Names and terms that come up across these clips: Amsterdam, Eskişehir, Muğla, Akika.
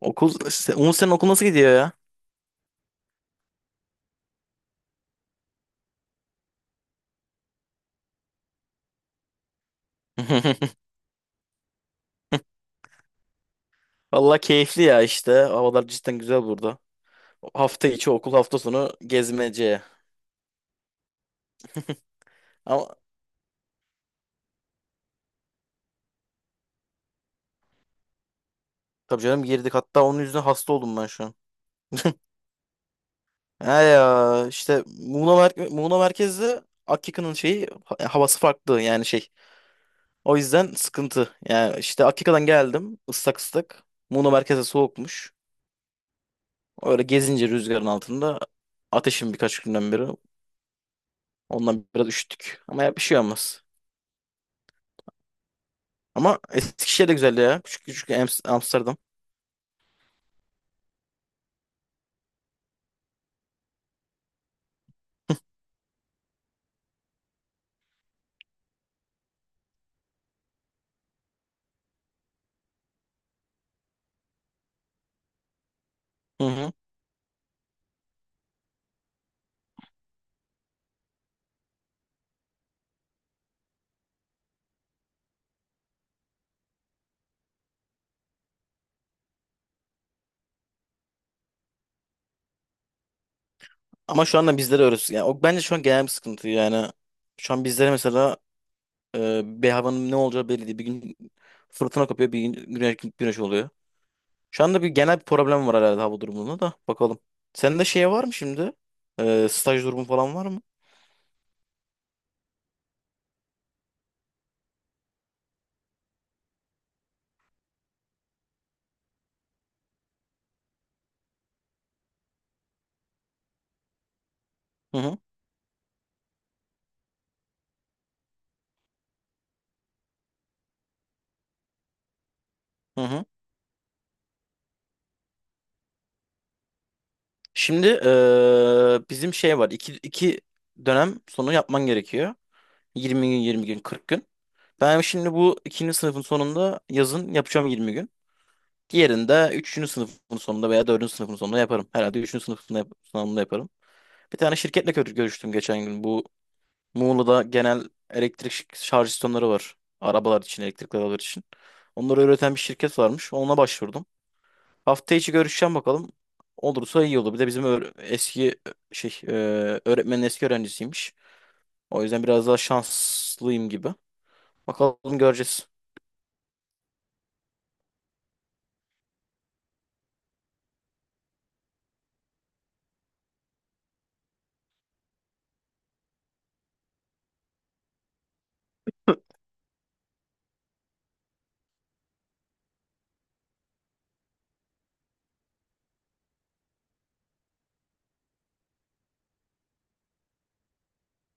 Okul, se- Umut senin okul nasıl gidiyor ya? Vallahi keyifli ya işte. Havalar cidden güzel burada. Hafta içi okul, hafta sonu gezmece. Ama tabii canım girdik. Hatta onun yüzünden hasta oldum ben şu an. He ya işte Muğla, mer Muğla merkezde Akika'nın şeyi ha- havası farklı yani şey. O yüzden sıkıntı. Yani işte Akika'dan geldim ıslak ıslak. Muğla merkeze soğukmuş. Öyle gezince rüzgarın altında ateşim birkaç günden beri. Ondan biraz üşüttük. Ama ya bir şey olmaz. Ama Eskişehir de güzeldi ya. Küçük küçük Ams- Amsterdam. Hı hı. Ama şu anda bizlere öğretiyor. Yani o bence şu an genel bir sıkıntı yani. Şu an bizlere mesela bir havanın ne olacağı belli değil. Bir gün fırtına kopuyor, bir gün güneş, oluyor. Şu anda bir genel bir problem var herhalde hava durumunda da. Bakalım. Senin de şey var mı şimdi? Staj durumu falan var mı? Hı hı. Hı hı. Şimdi bizim şey var. İki dönem sonu yapman gerekiyor. 20 gün, 20 gün, 40 gün. Ben şimdi bu ikinci sınıfın sonunda yazın yapacağım 20 gün. Diğerini de üçüncü sınıfın sonunda veya dördüncü sınıfın sonunda yaparım. Herhalde üçüncü sınıfın yap- sonunda yaparım. Bir tane şirketle gör- görüştüm geçen gün. Bu Muğla'da genel elektrik ş- şarj istasyonları var. Arabalar için, elektrikli arabalar için. Onları üreten bir şirket varmış. Ona başvurdum. Hafta içi görüşeceğim bakalım. Olursa iyi olur. Bir de bizim öğ- eski e, şey e, öğretmenin eski öğrencisiymiş. O yüzden biraz daha şanslıyım gibi. Bakalım göreceğiz.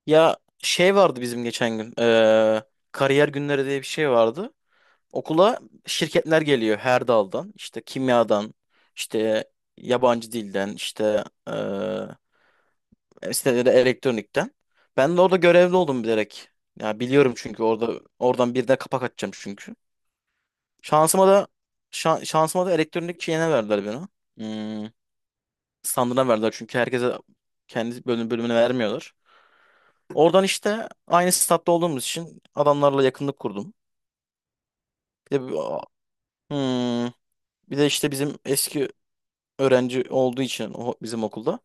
Ya şey vardı bizim geçen gün. Kariyer günleri diye bir şey vardı. Okula şirketler geliyor her daldan. İşte kimyadan, işte yabancı dilden, işte işte de elektronikten. Ben de orada görevli oldum bilerek. Ya biliyorum çünkü orada oradan birine kapak atacağım çünkü. Şansıma da şa- şansıma da elektronik şeyine verdiler beni. Hmm, Standına verdiler çünkü herkese kendi bölümünü vermiyorlar. Oradan işte aynı statta olduğumuz için adamlarla yakınlık kurdum. Bir de, bir Hmm. Bir de işte bizim eski öğrenci olduğu için o- bizim okulda.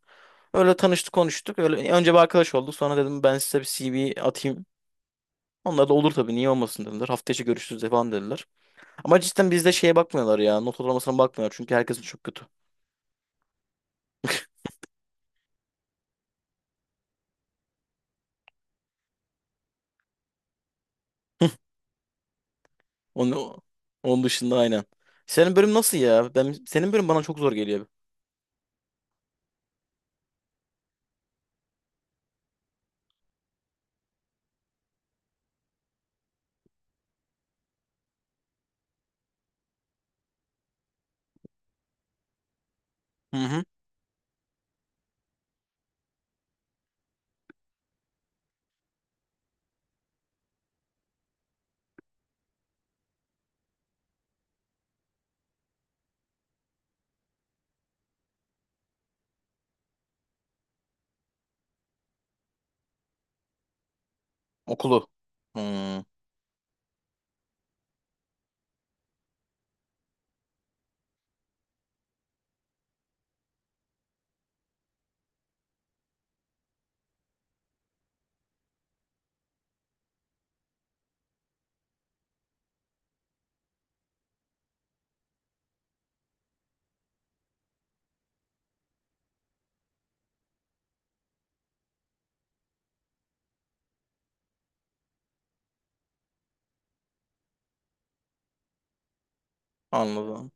Öyle tanıştık konuştuk. Öyle önce bir arkadaş olduk. Sonra dedim ben size bir CV atayım. Onlar da olur tabii niye olmasın dediler. Hafta içi görüşürüz falan dediler. Ama cidden bizde şeye bakmıyorlar ya. Not ortalamasına bakmıyorlar. Çünkü herkesin çok kötü. Onun, onun dışında aynen. Senin bölüm nasıl ya? Ben, senin bölüm bana çok zor geliyor. Hı hı. Okulu. Hmm, anladım.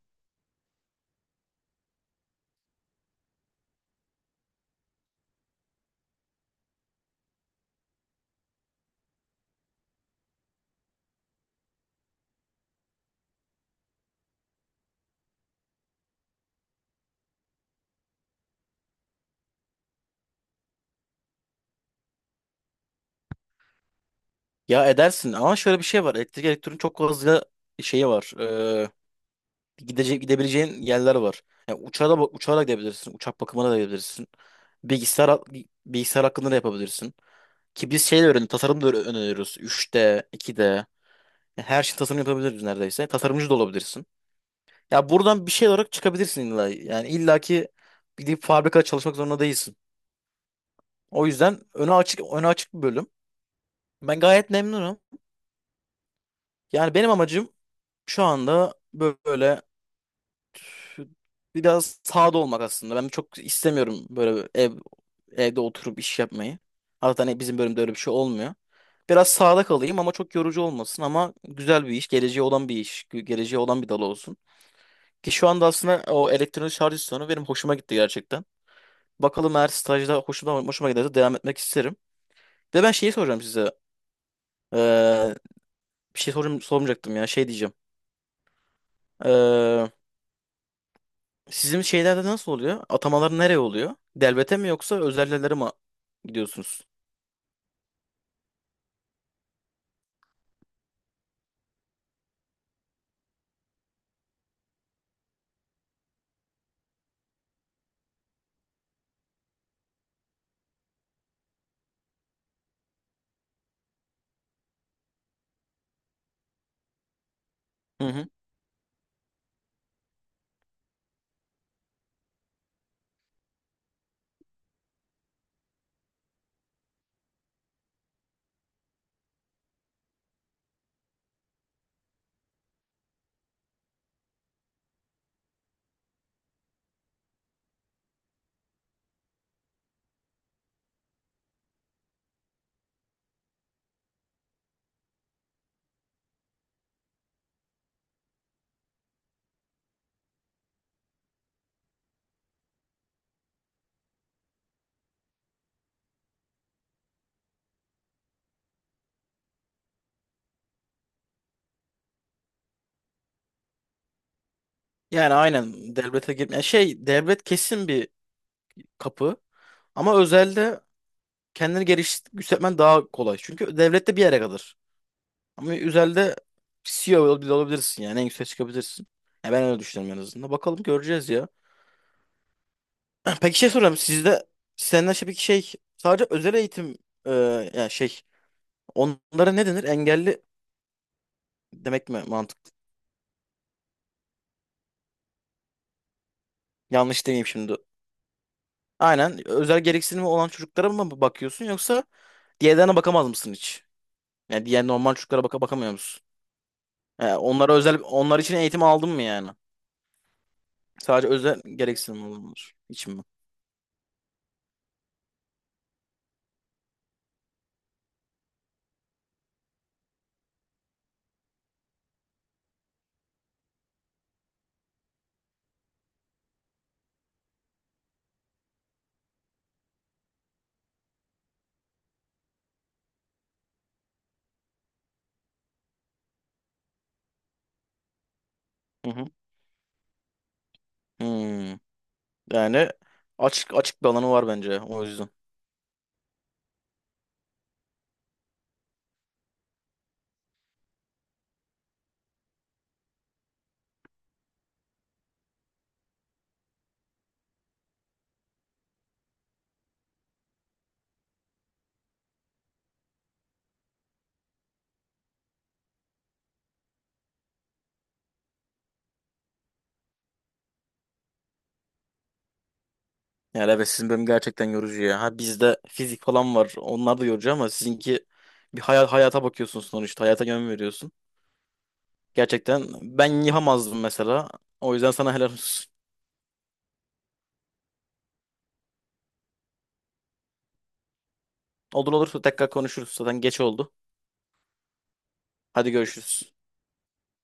Ya edersin ama şöyle bir şey var. Elektrik elektronik çok fazla şeyi var. Gidecek gidebileceğin yerler var. Yani uçağa da, uçağa da gidebilirsin. Uçak bakımına da gidebilirsin. Bilgisayar Bilgisayar hakkında da yapabilirsin. Ki biz şey de öğren tasarım da öğren- öğreniyoruz. 3D, 2D. Yani her şey tasarım yapabiliriz neredeyse. Tasarımcı da olabilirsin. Ya buradan bir şey olarak çıkabilirsin illa. Yani illaki gidip fabrikada çalışmak zorunda değilsin. O yüzden öne açık öne açık bir bölüm. Ben gayet memnunum. Yani benim amacım şu anda böyle biraz sağda olmak aslında. Ben çok istemiyorum böyle evde oturup iş yapmayı. Zaten hani bizim bölümde öyle bir şey olmuyor. Biraz sağda kalayım ama çok yorucu olmasın ama güzel bir iş, geleceği olan bir iş, gü- geleceği olan bir dal olsun. Ki şu anda aslında o elektronik şarj istasyonu benim hoşuma gitti gerçekten. Bakalım eğer stajda hoşuma giderse devam etmek isterim. Bir de ben şeyi soracağım size. Ee, Bir şey sorum, sormayacaktım ya şey diyeceğim. Sizin şeylerde nasıl oluyor? Atamalar nereye oluyor? Devlete mi yoksa özellere mi gidiyorsunuz? Hı hı. Yani aynen devlete girme. Yani şey, devlet kesin bir kapı ama özelde kendini geliştirmen daha kolay. Çünkü devlette bir yere kadar. Ama üzerinde CEO bile olabilirsin yani. En yükseğe çıkabilirsin. Ya ben öyle düşünüyorum en azından. Bakalım göreceğiz ya. Peki şey sorayım. Sizde senden şey bir şey, sadece özel eğitim e, yani şey, onlara ne denir? Engelli demek mi mantıklı? Yanlış demeyeyim şimdi. Aynen. Özel gereksinimi olan çocuklara mı bakıyorsun yoksa diğerlerine bakamaz mısın hiç? Yani diğer normal çocuklara baka bakamıyor musun? Yani onlara özel, onlar için eğitim aldın mı yani? Sadece özel gereksinim olanlar için mi? Hı hı. Hmm. Yani açık açık bir alanı var bence o yüzden. Yani evet sizin bölüm gerçekten yorucu ya. Ha bizde fizik falan var. Onlar da yorucu ama sizinki bir hayata bakıyorsun sonuçta. Hayata yön veriyorsun. Gerçekten ben yapamazdım mesela. O yüzden sana helal olsun. Olur olur tekrar konuşuruz. Zaten geç oldu. Hadi görüşürüz.